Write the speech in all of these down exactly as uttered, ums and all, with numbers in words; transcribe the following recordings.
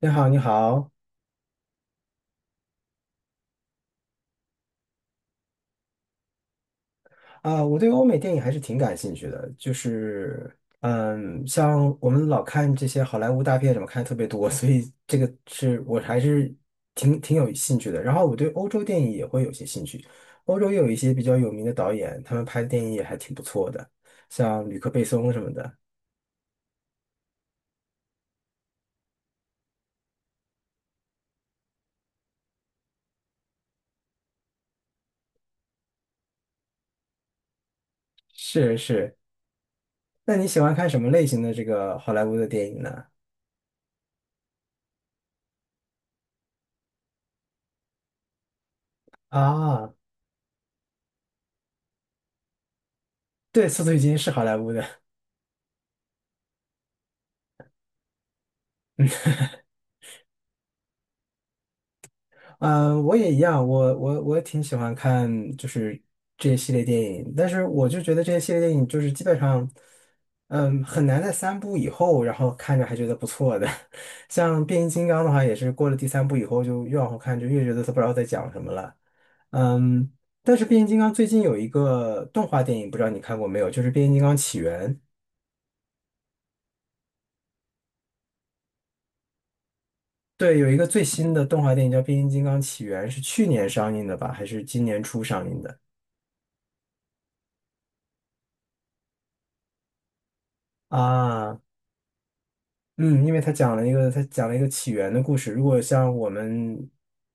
你好，你好，啊，我对欧美电影还是挺感兴趣的，就是，嗯，像我们老看这些好莱坞大片，什么看得特别多，所以这个是我还是挺挺有兴趣的。然后我对欧洲电影也会有些兴趣，欧洲也有一些比较有名的导演，他们拍的电影也还挺不错的，像吕克贝松什么的。是是，那你喜欢看什么类型的这个好莱坞的电影呢？啊，对，《速度与激情》是好莱坞的。嗯，我也一样，我我我也挺喜欢看就是这些系列电影，但是我就觉得这些系列电影就是基本上，嗯，很难在三部以后，然后看着还觉得不错的。像变形金刚的话，也是过了第三部以后，就越往后看就越觉得它不知道在讲什么了。嗯，但是变形金刚最近有一个动画电影，不知道你看过没有？就是《变形金刚起源》。对，有一个最新的动画电影叫《变形金刚起源》，是去年上映的吧？还是今年初上映的？啊，嗯，因为他讲了一个他讲了一个起源的故事。如果像我们，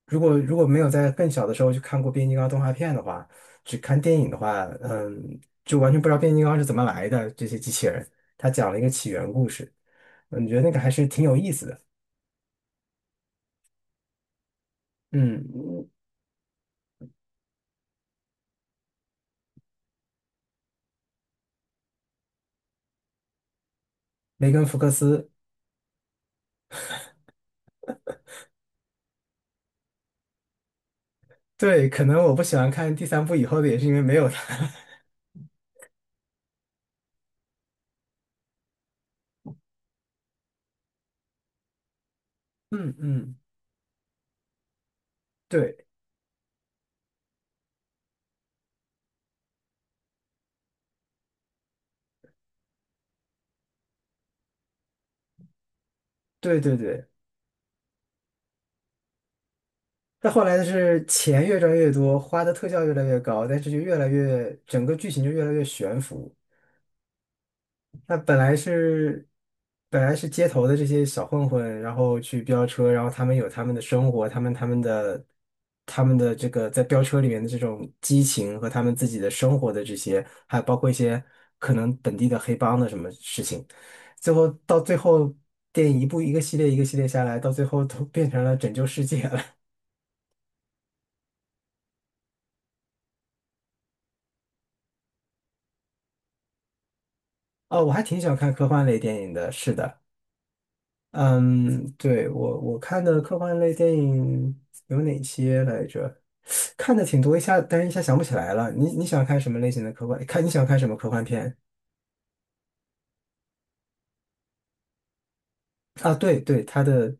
如果如果没有在更小的时候去看过变形金刚动画片的话，只看电影的话，嗯，就完全不知道变形金刚是怎么来的这些机器人。他讲了一个起源故事，你觉得那个还是挺有意思的。嗯，梅根福克斯，对，可能我不喜欢看第三部以后的，也是因为没有他。嗯嗯，对对对对。但后来的是钱越赚越多，花的特效越来越高，但是就越来越，整个剧情就越来越悬浮。那本来是本来是街头的这些小混混，然后去飙车，然后他们有他们的生活，他们他们的他们的这个在飙车里面的这种激情和他们自己的生活的这些，还有包括一些可能本地的黑帮的什么事情，最后到最后电影一部一个系列一个系列下来，到最后都变成了拯救世界了。哦，我还挺喜欢看科幻类电影的，是的，嗯，对，我我看的科幻类电影有哪些来着？看的挺多，一下，但是一下想不起来了。你你喜欢看什么类型的科幻？看你喜欢看什么科幻片啊？对对，他的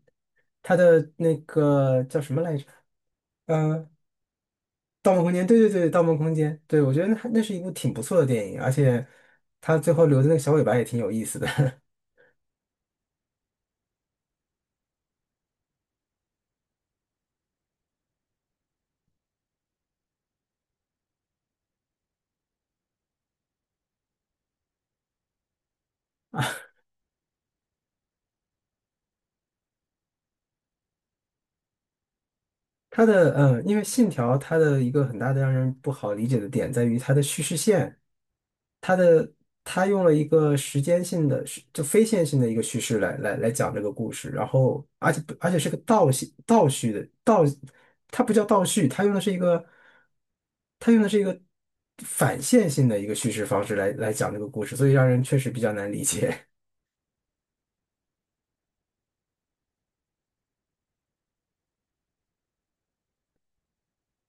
他的那个叫什么来着？呃，《盗梦空间》，对对对，《盗梦空间》，对，我觉得那那是一部挺不错的电影，而且他最后留的那个小尾巴也挺有意思的。它的嗯，因为《信条》它的一个很大的让人不好理解的点在于它的叙事线，它的它用了一个时间性的是就非线性的一个叙事来来来讲这个故事，然后而且而且是个倒叙倒叙的倒，它不叫倒叙，它用的是一个它用的是一个反线性的一个叙事方式来来讲这个故事，所以让人确实比较难理解。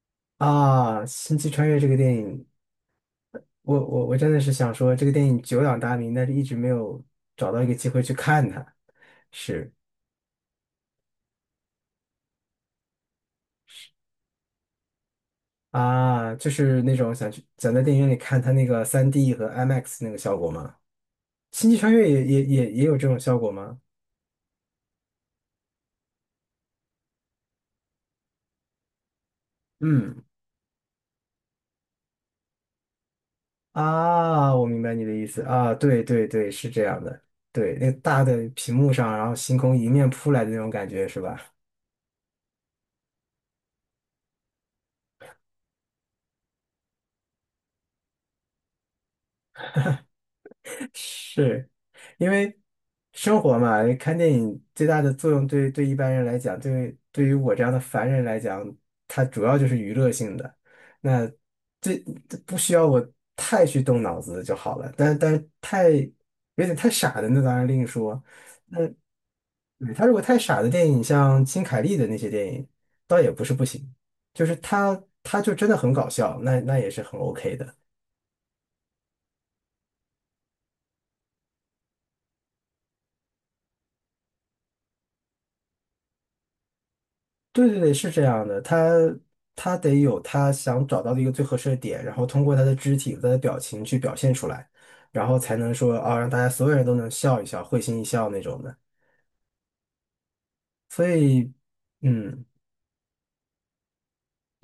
啊。《星际穿越》这个电影。我我我真的是想说，这个电影久仰大名，但是一直没有找到一个机会去看它。是啊，就是那种想去想在电影院里看它那个三 d 和 IMAX 那个效果吗？星际穿越也也也也有这种效果吗？嗯啊，我明白你的意思啊，对对对，是这样的，对，那个大的屏幕上，然后星空迎面扑来的那种感觉是吧？是因为生活嘛，看电影最大的作用对对一般人来讲，对对于我这样的凡人来讲，它主要就是娱乐性的，那这这不需要我太去动脑子就好了。但但太有点太傻的，那当然另说。那对他如果太傻的电影，像金凯利的那些电影，倒也不是不行，就是他他就真的很搞笑，那那也是很 OK 的。对对对，是这样的，他他得有他想找到的一个最合适的点，然后通过他的肢体和他的表情去表现出来，然后才能说啊，让大家所有人都能笑一笑，会心一笑那种的。所以，嗯，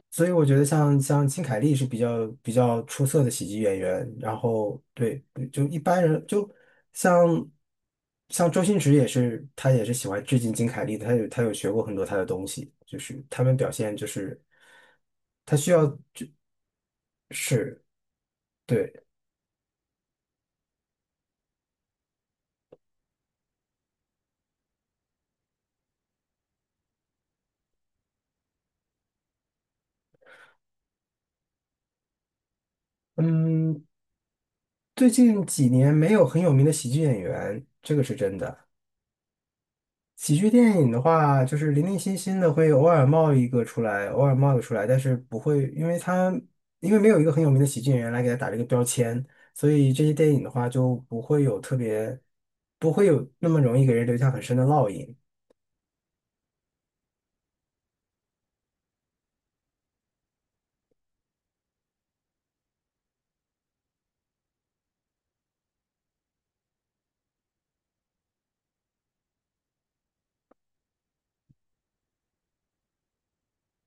所以我觉得像像金凯利是比较比较出色的喜剧演员，然后对，就一般人就像像周星驰也是，他也是喜欢致敬金凯利的，他有他有学过很多他的东西，就是他们表现就是。他需要，是，对，嗯，最近几年没有很有名的喜剧演员，这个是真的。喜剧电影的话，就是零零星星的会偶尔冒一个出来，偶尔冒一个出来，但是不会，因为他因为没有一个很有名的喜剧演员来给他打这个标签，所以这些电影的话就不会有特别，不会有那么容易给人留下很深的烙印。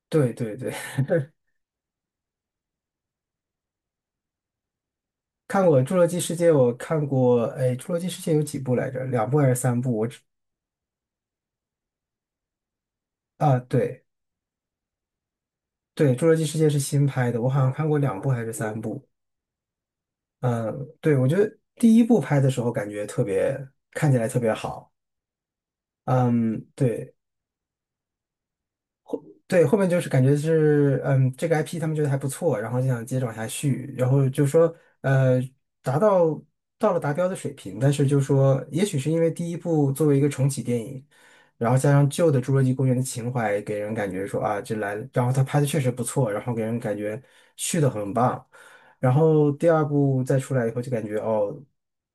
对对对，看过《侏罗纪世界》，我看过，哎，《侏罗纪世界》有几部来着？两部还是三部？我只啊，对。对，《侏罗纪世界》是新拍的，我好像看过两部还是三部。嗯，对，我觉得第一部拍的时候感觉特别，看起来特别好。嗯，对，对，后面就是感觉是，嗯，这个 I P 他们觉得还不错，然后就想接着往下续，然后就说，呃，达到到了达标的水平，但是就说，也许是因为第一部作为一个重启电影，然后加上旧的《侏罗纪公园》的情怀，给人感觉说啊，这来了然后他拍的确实不错，然后给人感觉续的很棒，然后第二部再出来以后，就感觉哦，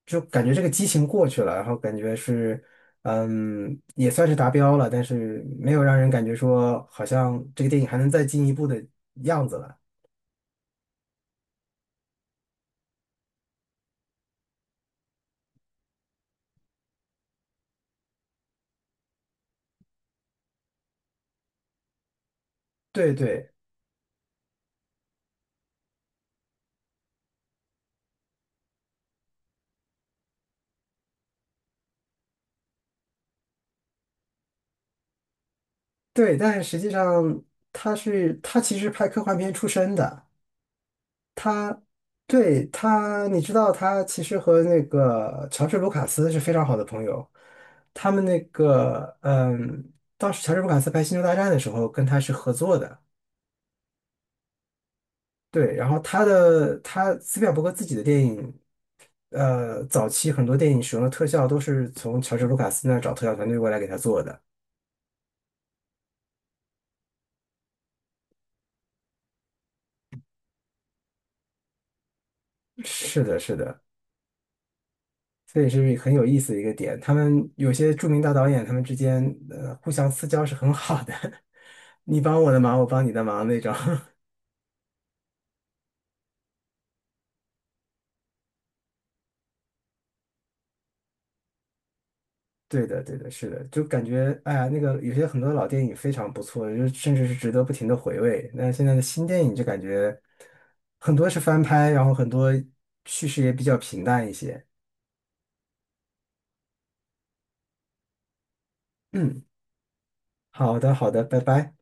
就感觉这个激情过去了，然后感觉是。嗯，也算是达标了，但是没有让人感觉说好像这个电影还能再进一步的样子了。对对对，但实际上他是他其实拍科幻片出身的，他对他，你知道他其实和那个乔治卢卡斯是非常好的朋友，他们那个嗯，当时乔治卢卡斯拍《星球大战》的时候跟他是合作的。对，然后他的他斯皮尔伯格自己的电影呃，早期很多电影使用的特效都是从乔治·卢卡斯那儿找特效团队过来给他做的。是的，是的，这也是很有意思的一个点。他们有些著名大导演，他们之间呃互相私交是很好的，你帮我的忙，我帮你的忙那种。对的，对的，是的，就感觉哎呀，那个有些很多老电影非常不错，就甚至是值得不停的回味。那现在的新电影就感觉很多是翻拍，然后很多叙事也比较平淡一些。嗯，好的，好的，拜拜。